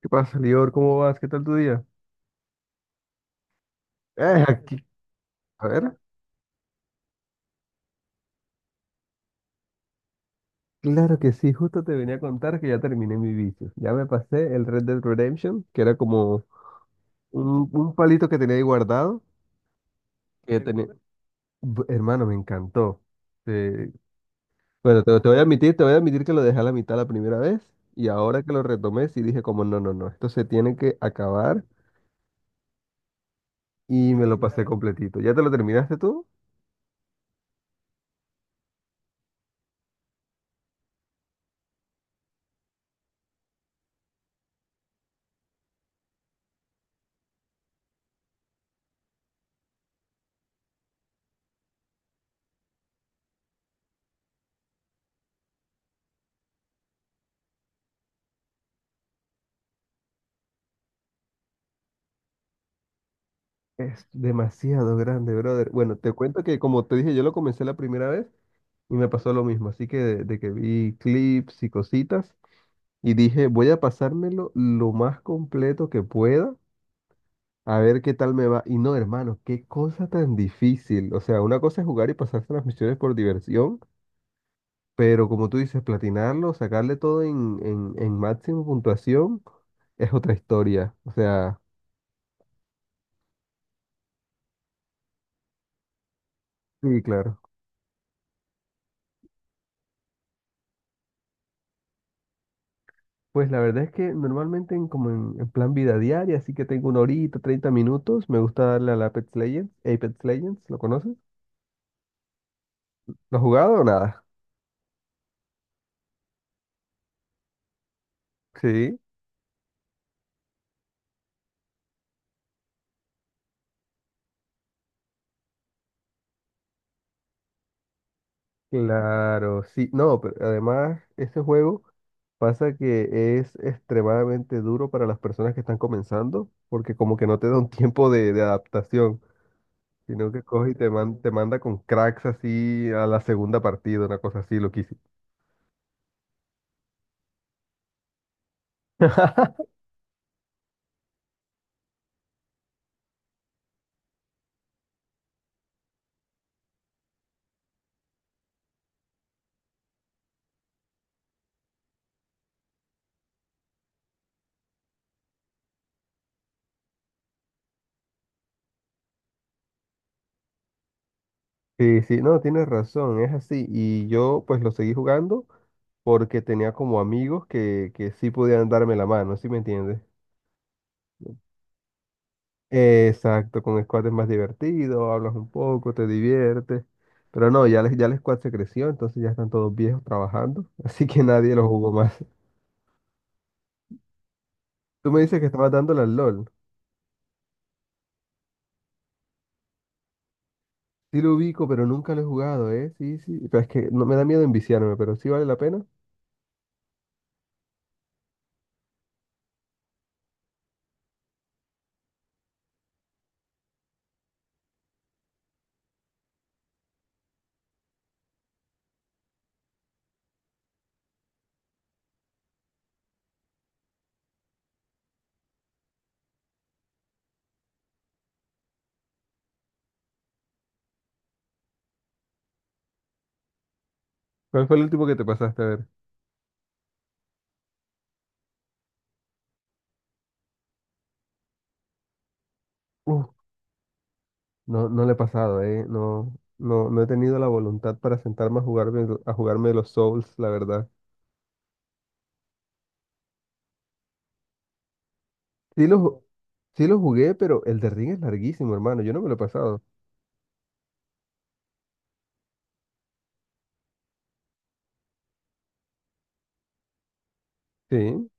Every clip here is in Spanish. ¿Qué pasa, Lior? ¿Cómo vas? ¿Qué tal tu día? Aquí. A ver. Claro que sí, justo te venía a contar que ya terminé mi vicio. Ya me pasé el Red Dead Redemption, que era como un palito que tenía ahí guardado. Que tenía... Bu- Hermano, me encantó. Eh, bueno, te voy a admitir, te voy a admitir que lo dejé a la mitad la primera vez y ahora que lo retomé sí dije como no, no, no, esto se tiene que acabar y me lo pasé completito. ¿Ya te lo terminaste tú? Es demasiado grande, brother. Bueno, te cuento que como te dije, yo lo comencé la primera vez. Y me pasó lo mismo, así que de que vi clips y cositas y dije, voy a pasármelo lo más completo que pueda, a ver qué tal me va. Y no, hermano, qué cosa tan difícil. O sea, una cosa es jugar y pasarse las misiones por diversión, pero como tú dices, platinarlo, sacarle todo en máximo puntuación, es otra historia. O sea, sí, claro. Pues la verdad es que normalmente como en plan vida diaria, así que tengo una horita, 30 minutos, me gusta darle al Apex Legends. Apex Legends, ¿lo conoces? ¿Lo has jugado o nada? Sí, claro, sí. No, pero además ese juego pasa que es extremadamente duro para las personas que están comenzando, porque como que no te da un tiempo de adaptación, sino que coge y te, man- te manda con cracks así a la segunda partida, una cosa así loquísima. Sí, sí, no, tienes razón, es así. Y yo pues lo seguí jugando porque tenía como amigos que sí podían darme la mano, ¿sí me entiendes? Exacto, con squad es más divertido, hablas un poco, te diviertes. Pero no, ya, les, ya el squad se creció, entonces ya están todos viejos trabajando, así que nadie lo jugó más. Tú me dices que estabas dándole al LOL. Sí lo ubico, pero nunca lo he jugado, ¿eh? Sí, sí. Pero es que no me da miedo enviciarme, pero sí vale la pena. ¿Cuál fue el último que te pasaste a ver? Uf, no, no le he pasado, ¿eh? No, no, no he tenido la voluntad para sentarme a jugarme los Souls, la verdad. Sí lo, ju- sí lo jugué, pero el de Ring es larguísimo, hermano. Yo no me lo he pasado. Sí.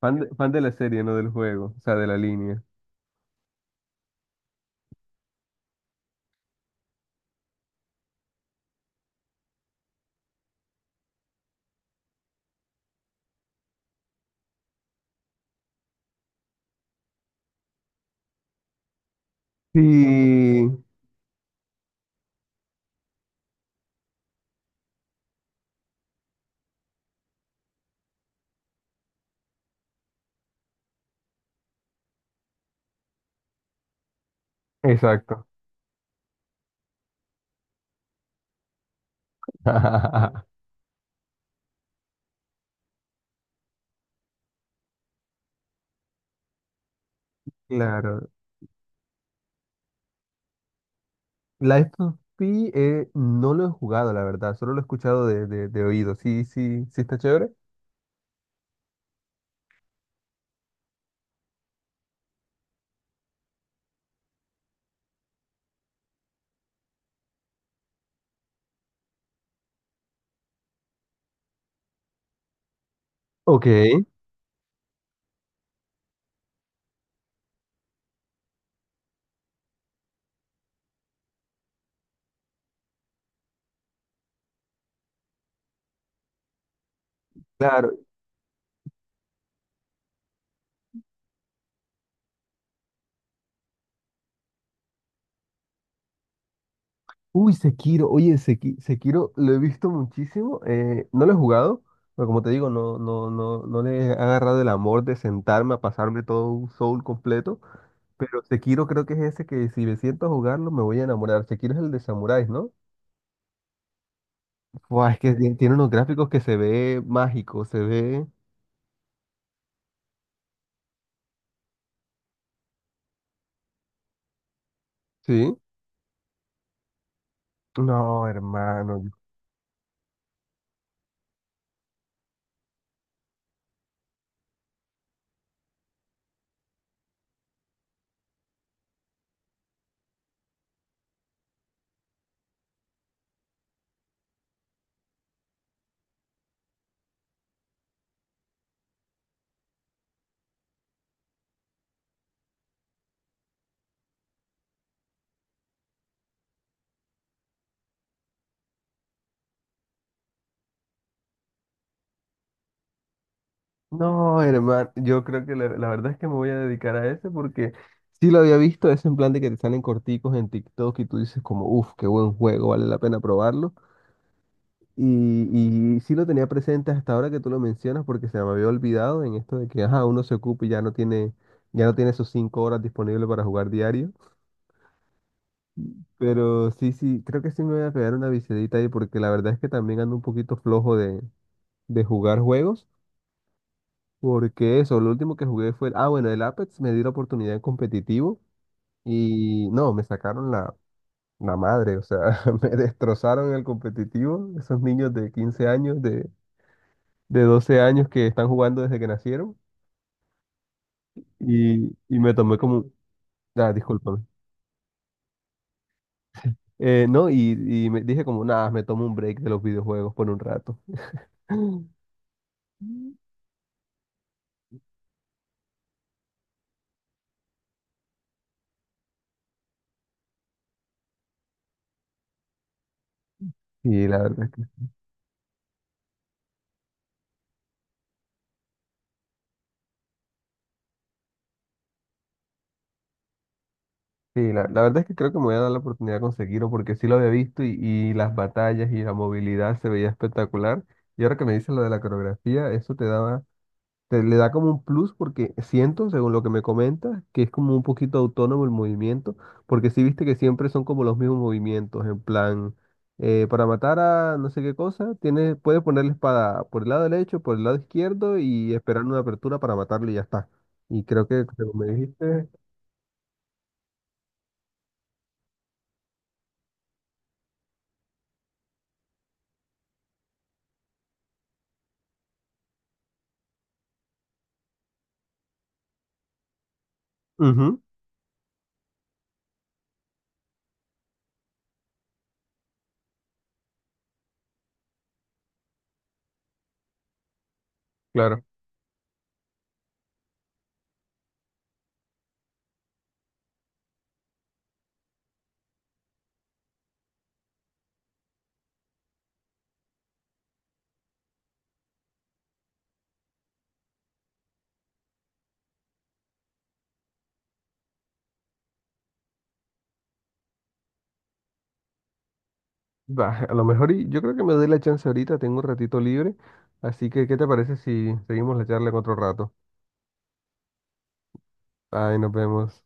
Fan de la serie, no del juego, o sea, de la línea. Sí, exacto. Claro. Life of Pi no lo he jugado, la verdad, solo lo he escuchado de oído. Sí, sí, sí está chévere. Ok. Claro. Uy, Sekiro, oye, Seki- Sekiro lo he visto muchísimo, no lo he jugado, pero como te digo, no, no, no, no le he agarrado el amor de sentarme a pasarme todo un Soul completo, pero Sekiro creo que es ese que si me siento a jugarlo me voy a enamorar. Sekiro es el de samuráis, ¿no? Buah, es que ti- tiene unos gráficos que se ve mágico, se ve, ¿sí? No, hermano. No, hermano. Yo creo que la verdad es que me voy a dedicar a ese porque sí lo había visto, es en plan de que te salen corticos en TikTok y tú dices como, uff, qué buen juego, vale la pena probarlo. Y sí lo tenía presente hasta ahora que tú lo mencionas porque se me había olvidado en esto de que, ajá, uno se ocupa y ya no tiene esos 5 horas disponibles para jugar diario. Pero sí, sí, creo que sí me voy a pegar una viciadita ahí porque la verdad es que también ando un poquito flojo de jugar juegos. Porque eso, lo último que jugué fue, ah, bueno, el Apex me dio la oportunidad en competitivo y no, me sacaron la madre, o sea, me destrozaron el competitivo, esos niños de 15 años, de 12 años que están jugando desde que nacieron. Y me tomé como, un- ah, discúlpame. No, Y me dije como, nada, me tomo un break de los videojuegos por un rato. Y la verdad. Sí, la verdad es que creo que me voy a dar la oportunidad de conseguirlo porque sí lo había visto y las batallas y la movilidad se veía espectacular. Y ahora que me dices lo de la coreografía, eso te daba, te le da como un plus porque siento, según lo que me comentas, que es como un poquito autónomo el movimiento, porque sí viste que siempre son como los mismos movimientos, en plan, para matar a no sé qué cosa, tienes, puedes poner la espada por el lado derecho, por el lado izquierdo y esperar una apertura para matarlo y ya está. Y creo que, como me dijiste, ujú, claro. Va, a lo mejor y- yo creo que me doy la chance ahorita, tengo un ratito libre, así que ¿qué te parece si seguimos la charla en otro rato? Ay, nos vemos.